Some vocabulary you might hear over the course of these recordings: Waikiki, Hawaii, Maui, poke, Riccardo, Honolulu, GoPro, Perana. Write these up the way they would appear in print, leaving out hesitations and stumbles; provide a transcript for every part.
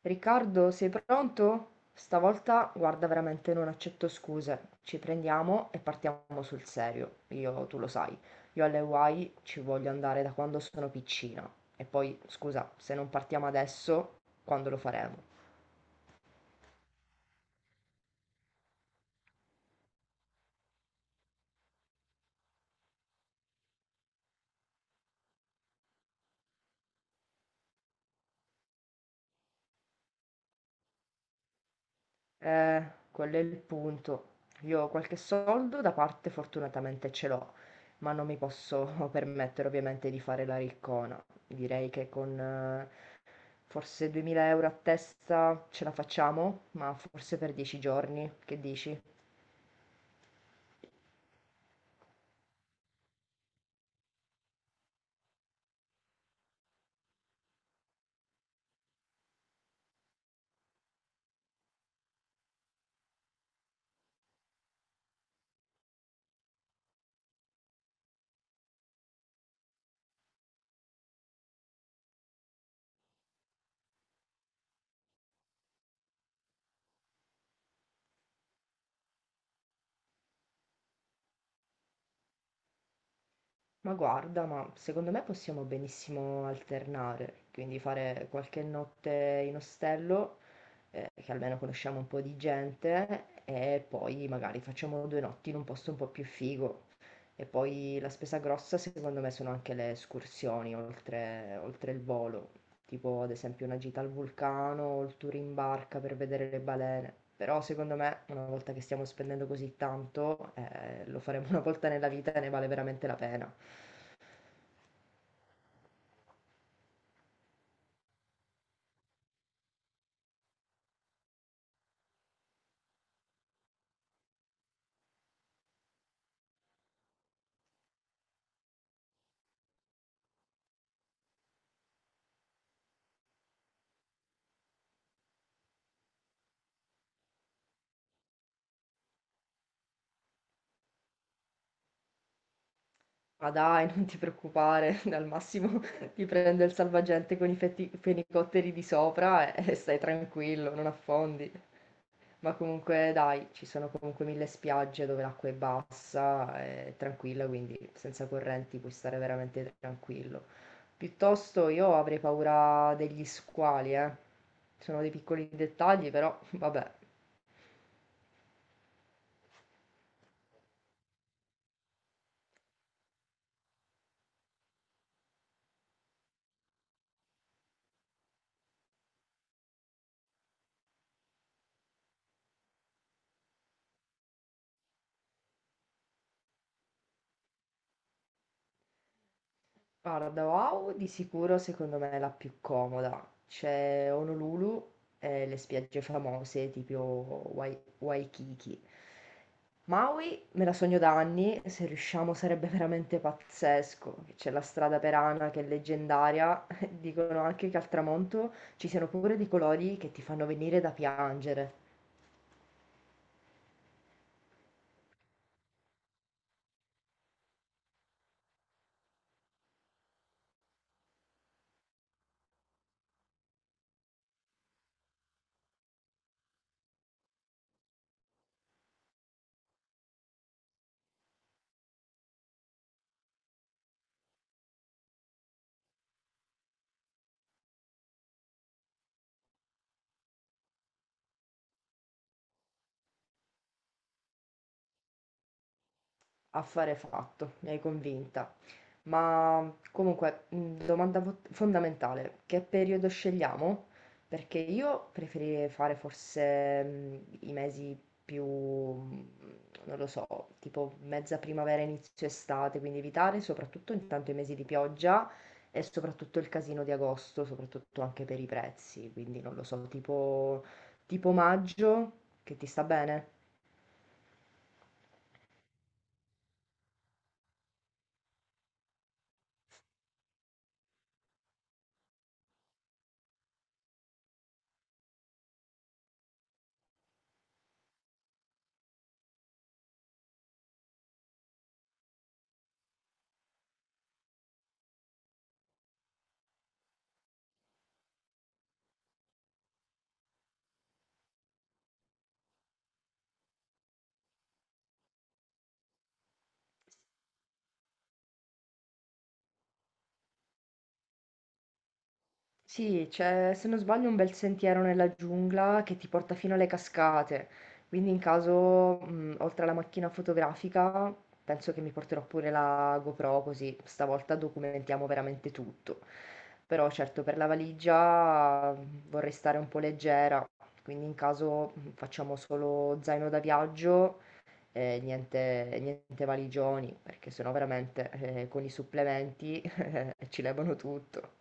Riccardo, sei pronto? Stavolta, guarda, veramente non accetto scuse. Ci prendiamo e partiamo sul serio. Io, tu lo sai, io alle Hawaii ci voglio andare da quando sono piccina. E poi, scusa, se non partiamo adesso, quando lo faremo? Eh, quello è il punto. Io qualche soldo da parte fortunatamente ce l'ho, ma non mi posso permettere ovviamente di fare la riccona. Direi che con forse 2000 euro a testa ce la facciamo, ma forse per 10 giorni, che dici? Ma guarda, ma secondo me possiamo benissimo alternare, quindi fare qualche notte in ostello, che almeno conosciamo un po' di gente, e poi magari facciamo due notti in un posto un po' più figo. E poi la spesa grossa secondo me sono anche le escursioni oltre il volo, tipo ad esempio una gita al vulcano o il tour in barca per vedere le balene. Però secondo me una volta che stiamo spendendo così tanto, lo faremo una volta nella vita e ne vale veramente la pena. Ma dai, non ti preoccupare, al massimo ti prende il salvagente con i fenicotteri di sopra e stai tranquillo, non affondi. Ma comunque dai, ci sono comunque mille spiagge dove l'acqua è bassa, è tranquilla, quindi senza correnti puoi stare veramente tranquillo. Piuttosto io avrei paura degli squali, eh. Sono dei piccoli dettagli, però vabbè. Guarda, wow, di sicuro secondo me è la più comoda. C'è Honolulu e le spiagge famose tipo Waikiki. Maui me la sogno da anni, se riusciamo sarebbe veramente pazzesco. C'è la strada Perana che è leggendaria, dicono anche che al tramonto ci siano pure dei colori che ti fanno venire da piangere. Affare fatto, mi hai convinta. Ma comunque, domanda fondamentale, che periodo scegliamo? Perché io preferirei fare forse i mesi più, non lo so, tipo mezza primavera, inizio estate, quindi evitare soprattutto intanto i mesi di pioggia e soprattutto il casino di agosto, soprattutto anche per i prezzi, quindi non lo so, tipo, tipo maggio, che ti sta bene? Sì, c'è, se non sbaglio, un bel sentiero nella giungla che ti porta fino alle cascate. Quindi, in caso, oltre alla macchina fotografica, penso che mi porterò pure la GoPro, così stavolta documentiamo veramente tutto. Però, certo, per la valigia vorrei stare un po' leggera. Quindi, in caso, facciamo solo zaino da viaggio e niente, niente valigioni, perché sennò veramente, con i supplementi, ci levano tutto.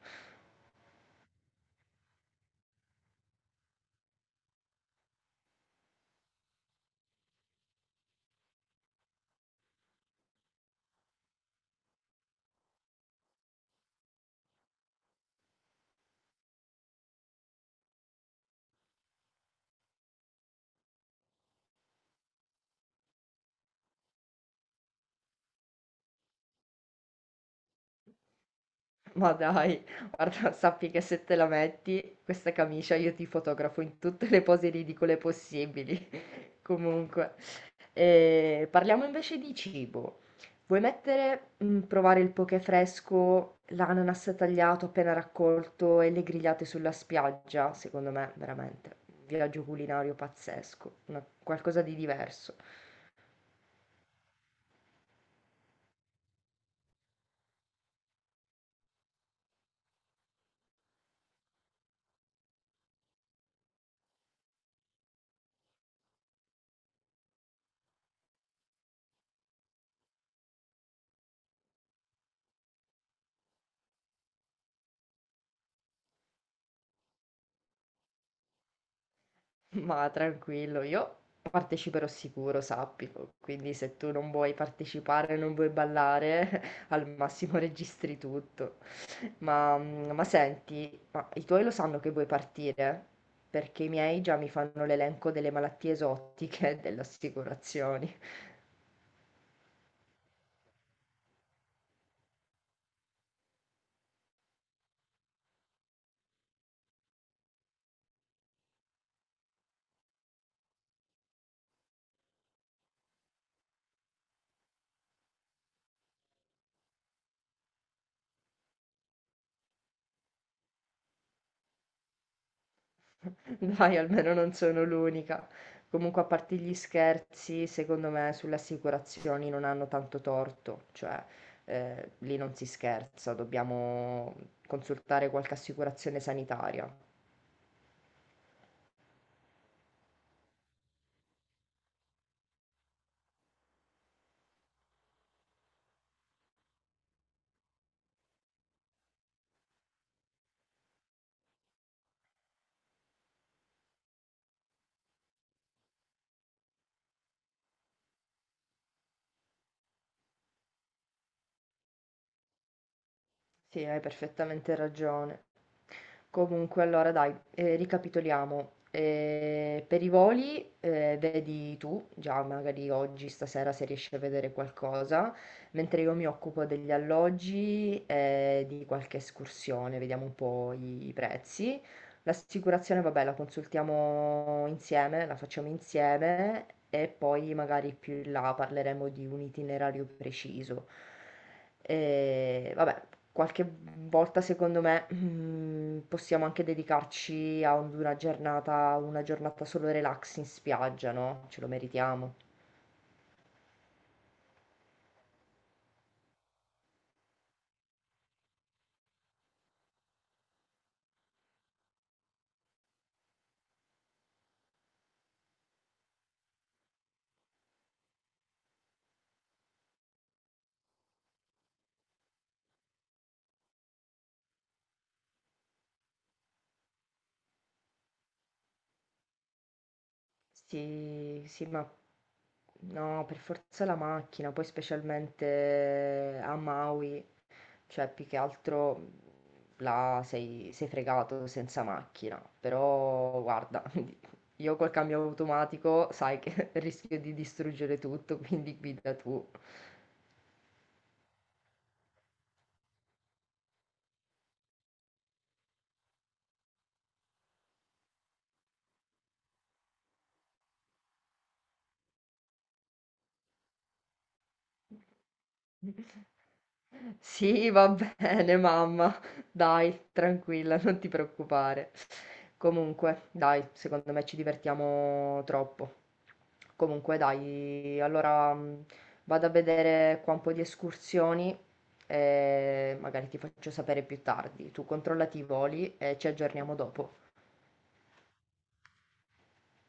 Ma dai, guarda, sappi che se te la metti questa camicia io ti fotografo in tutte le pose ridicole possibili. Comunque, eh, parliamo invece di cibo. Vuoi mettere, mm, provare il poke fresco, l'ananas tagliato appena raccolto e le grigliate sulla spiaggia? Secondo me, veramente, un viaggio culinario pazzesco, qualcosa di diverso. Ma tranquillo, io parteciperò sicuro, sappilo. Quindi se tu non vuoi partecipare, non vuoi ballare, al massimo registri tutto. Ma, ma senti, ma i tuoi lo sanno che vuoi partire? Perché i miei già mi fanno l'elenco delle malattie esotiche e delle assicurazioni. Dai, almeno non sono l'unica. Comunque, a parte gli scherzi, secondo me sulle assicurazioni non hanno tanto torto, cioè lì non si scherza, dobbiamo consultare qualche assicurazione sanitaria. Sì, hai perfettamente ragione. Comunque, allora dai, ricapitoliamo. Per i voli, vedi tu, già magari oggi, stasera, se riesci a vedere qualcosa, mentre io mi occupo degli alloggi e di qualche escursione, vediamo un po' i prezzi. L'assicurazione, vabbè, la consultiamo insieme, la facciamo insieme e poi magari più in là parleremo di un itinerario preciso. E, vabbè, qualche volta secondo me, mhmm, possiamo anche dedicarci a un una giornata solo relax in spiaggia, no, ce lo meritiamo. Sì, sì, ma no, per forza la macchina, poi specialmente a Maui, cioè più che altro, mhmm, là sei fregato senza macchina, però guarda, io col cambio automatico sai che rischio di distruggere tutto, quindi guida tu. Sì, va bene mamma, dai, tranquilla, non ti preoccupare. Comunque, dai, secondo me ci divertiamo troppo. Comunque, dai, allora vado a vedere qua un po' di escursioni e magari ti faccio sapere più tardi. Tu controllati i voli e ci aggiorniamo dopo.